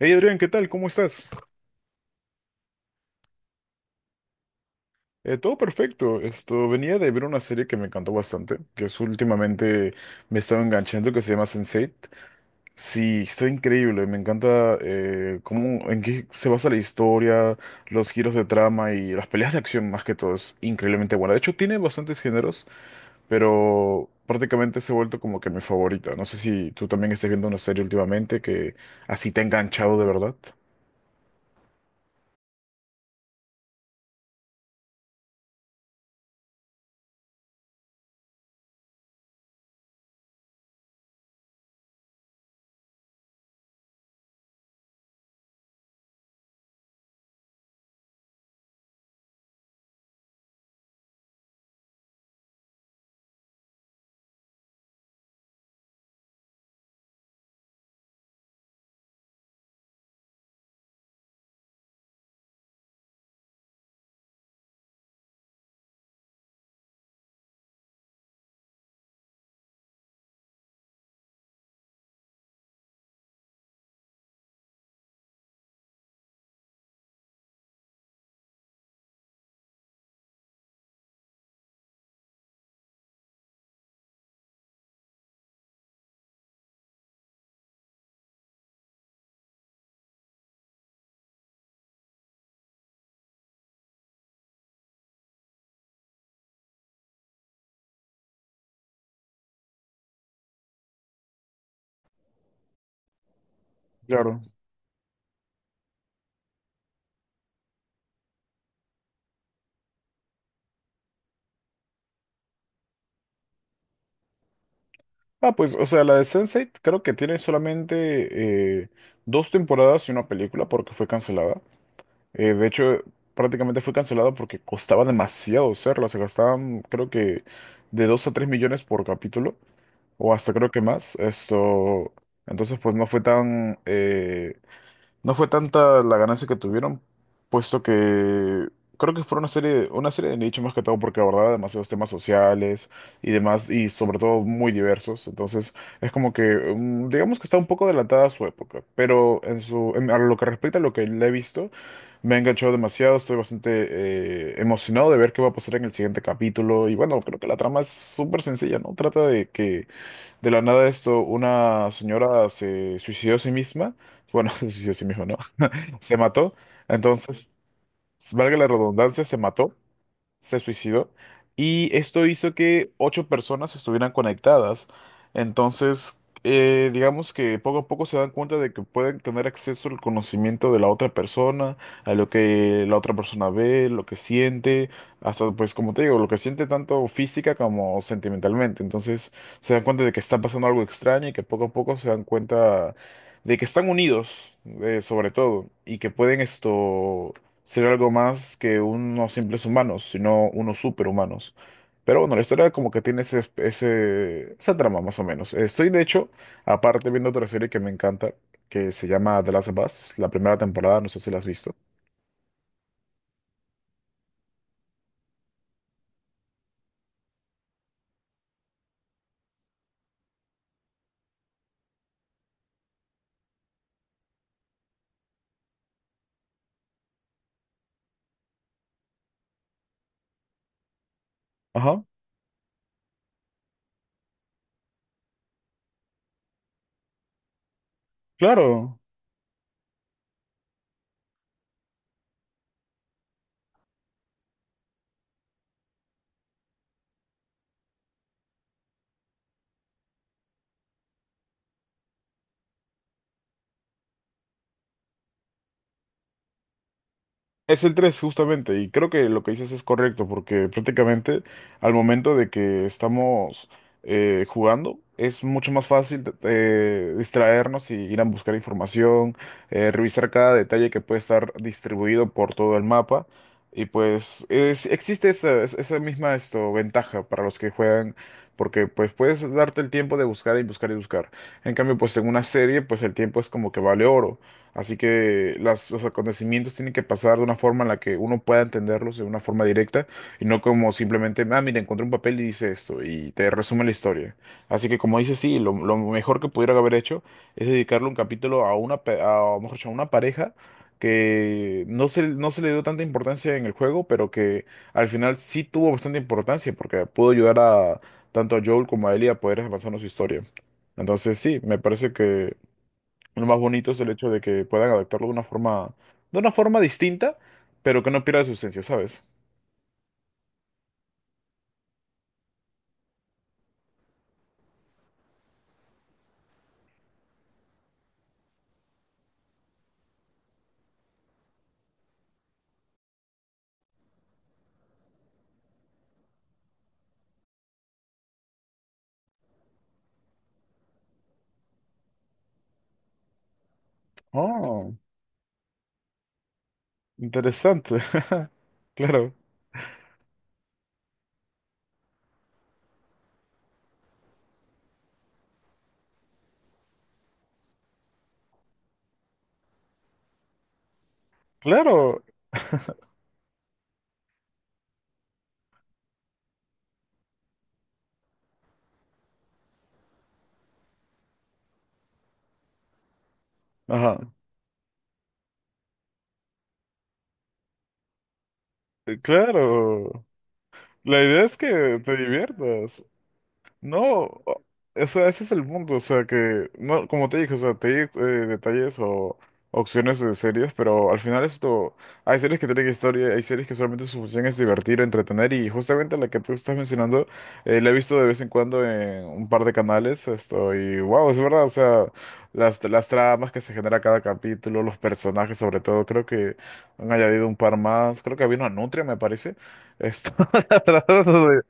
Hey Adrián, ¿qué tal? ¿Cómo estás? Todo perfecto. Esto venía de ver una serie que me encantó bastante, que es últimamente me estaba enganchando, que se llama Sense8. Sí, está increíble. Me encanta cómo, en qué se basa la historia, los giros de trama y las peleas de acción más que todo. Es increíblemente buena. De hecho, tiene bastantes géneros, pero prácticamente se ha vuelto como que mi favorita. No sé si tú también estés viendo una serie últimamente que así te ha enganchado de verdad. Claro. Ah, pues, o sea, la de Sense8 creo que tiene solamente dos temporadas y una película porque fue cancelada. De hecho, prácticamente fue cancelada porque costaba demasiado hacerla. Se gastaban, creo que, de 2 a 3 millones por capítulo o hasta creo que más. Esto, entonces, pues no fue tan, no fue tanta la ganancia que tuvieron, puesto que creo que fue una serie de nicho más que todo porque abordaba demasiados temas sociales y demás, y sobre todo muy diversos. Entonces, es como que, digamos que está un poco adelantada a su época, pero en su, a lo que respecta a lo que le he visto, me ha enganchado demasiado, estoy bastante emocionado de ver qué va a pasar en el siguiente capítulo. Y bueno, creo que la trama es súper sencilla, ¿no? Trata de que de la nada esto, una señora se suicidó a sí misma. Bueno, se suicidó a sí misma, ¿no? Se mató. Entonces, valga la redundancia, se mató se suicidó y esto hizo que ocho personas estuvieran conectadas. Entonces, digamos que poco a poco se dan cuenta de que pueden tener acceso al conocimiento de la otra persona, a lo que la otra persona ve, lo que siente, hasta pues como te digo, lo que siente tanto física como sentimentalmente. Entonces, se dan cuenta de que está pasando algo extraño y que poco a poco se dan cuenta de que están unidos, sobre todo, y que pueden esto ser algo más que unos simples humanos, sino unos superhumanos. Pero bueno, la historia como que tiene ese, esa trama más o menos. Estoy de hecho, aparte viendo otra serie que me encanta, que se llama The Last of Us, la primera temporada, no sé si la has visto. Ajá, claro. Es el 3 justamente, y creo que lo que dices es correcto, porque prácticamente al momento de que estamos jugando, es mucho más fácil distraernos y ir a buscar información, revisar cada detalle que puede estar distribuido por todo el mapa, y pues existe esa, esa misma esto, ventaja para los que juegan, porque pues puedes darte el tiempo de buscar y buscar y buscar. En cambio, pues en una serie, pues el tiempo es como que vale oro. Así que las, los acontecimientos tienen que pasar de una forma en la que uno pueda entenderlos de una forma directa y no como simplemente, ah, mira, encontré un papel y dice esto y te resume la historia. Así que como dice, sí, lo mejor que pudiera haber hecho es dedicarle un capítulo a una, a, mejor dicho, a una pareja que no se, no se le dio tanta importancia en el juego, pero que al final sí tuvo bastante importancia porque pudo ayudar a tanto a Joel como a Ellie a poder avanzar en su historia. Entonces sí, me parece que... Lo más bonito es el hecho de que puedan adaptarlo de una forma distinta, pero que no pierda su esencia, ¿sabes? Oh, interesante. Claro, claro. Ajá. Claro. La idea es que te diviertas. No, o sea, ese es el punto, o sea, que, no, como te dije, o sea, te di detalles o opciones de series, pero al final esto, hay series que tienen historia, hay series que solamente su función es divertir, entretener, y justamente la que tú estás mencionando, la he visto de vez en cuando en un par de canales, esto, y wow, es verdad, o sea, las tramas que se genera cada capítulo, los personajes sobre todo, creo que han añadido un par más, creo que había una nutria, me parece, esto, la verdad,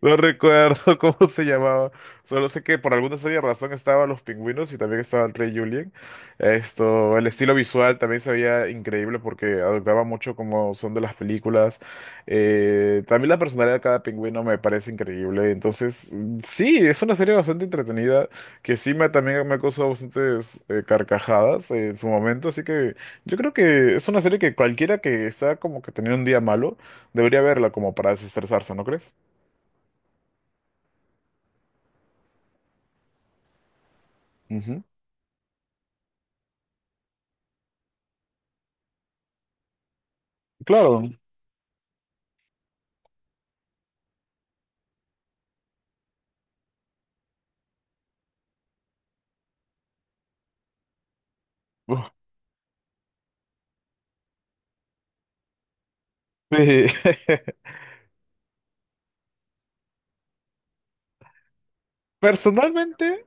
no recuerdo cómo se llamaba. Solo sé que por alguna extraña razón estaban los pingüinos y también estaba el rey Julien. Esto, el estilo visual también se veía increíble porque adoptaba mucho como son de las películas. También la personalidad de cada pingüino me parece increíble. Entonces, sí, es una serie bastante entretenida que sí me, también me ha causado bastantes carcajadas en su momento. Así que yo creo que es una serie que cualquiera que está como que teniendo un día malo debería verla como para desestresarse, ¿no crees? Ujú. Claro. Uf, sí. Personalmente,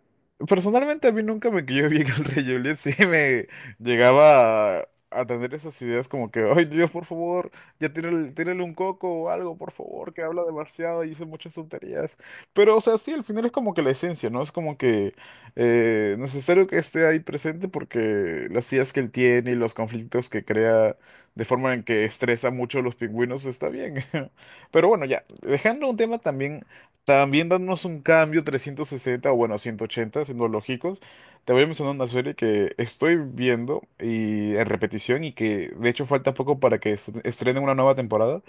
personalmente a mí nunca me cayó bien el Rey Juliet, sí me llegaba a tener esas ideas como que, ay Dios, por favor, ya tírale, tírale un coco o algo, por favor, que habla demasiado y dice muchas tonterías. Pero, o sea, sí, al final es como que la esencia, ¿no? Es como que necesario que esté ahí presente porque las ideas que él tiene y los conflictos que crea de forma en que estresa mucho a los pingüinos está bien. Pero bueno, ya, dejando un tema también también dándonos un cambio 360 o bueno, 180 siendo lógicos. Te voy a mencionar una serie que estoy viendo y en repetición y que de hecho falta poco para que estrenen una nueva temporada,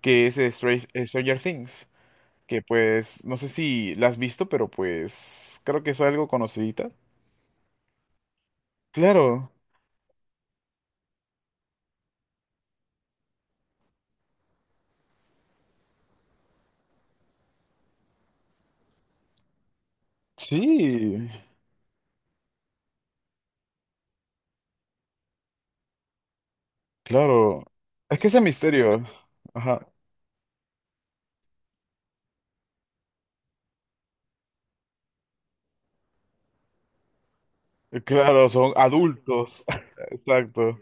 que es Stranger Things, que pues no sé si la has visto, pero pues creo que es algo conocidita. Claro, sí, claro. Es que ese misterio. Ajá. Claro, son adultos. Exacto.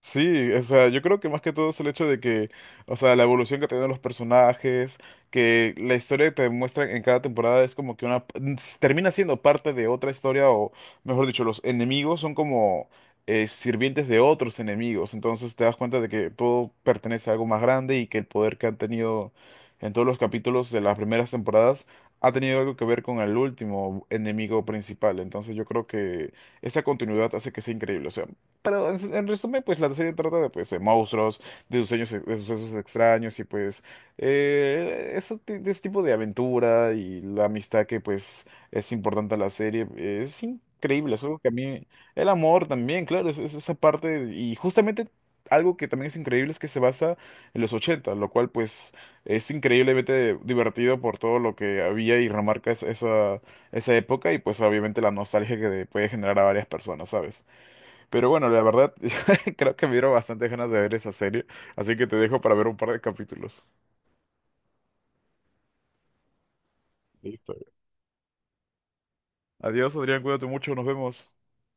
Sí, o sea, yo creo que más que todo es el hecho de que, o sea, la evolución que tienen los personajes, que la historia que te muestran en cada temporada es como que una, s- termina siendo parte de otra historia, o mejor dicho, los enemigos son como sirvientes de otros enemigos, entonces te das cuenta de que todo pertenece a algo más grande y que el poder que han tenido en todos los capítulos de las primeras temporadas ha tenido algo que ver con el último enemigo principal, entonces yo creo que esa continuidad hace que sea increíble, o sea. Pero en resumen, pues la serie trata de, pues, de monstruos, de sueños, de sucesos extraños y pues de ese tipo de aventura y la amistad que pues es importante a la serie. Es increíble, es algo que a mí, el amor también, claro, es esa parte y justamente algo que también es increíble es que se basa en los 80 lo cual pues es increíblemente divertido por todo lo que había y remarca esa, esa esa época y pues obviamente la nostalgia que puede generar a varias personas, ¿sabes? Pero bueno, la verdad, creo que me dieron bastantes ganas de ver esa serie, así que te dejo para ver un par de capítulos. Listo. Adiós, Adrián, cuídate mucho, nos vemos.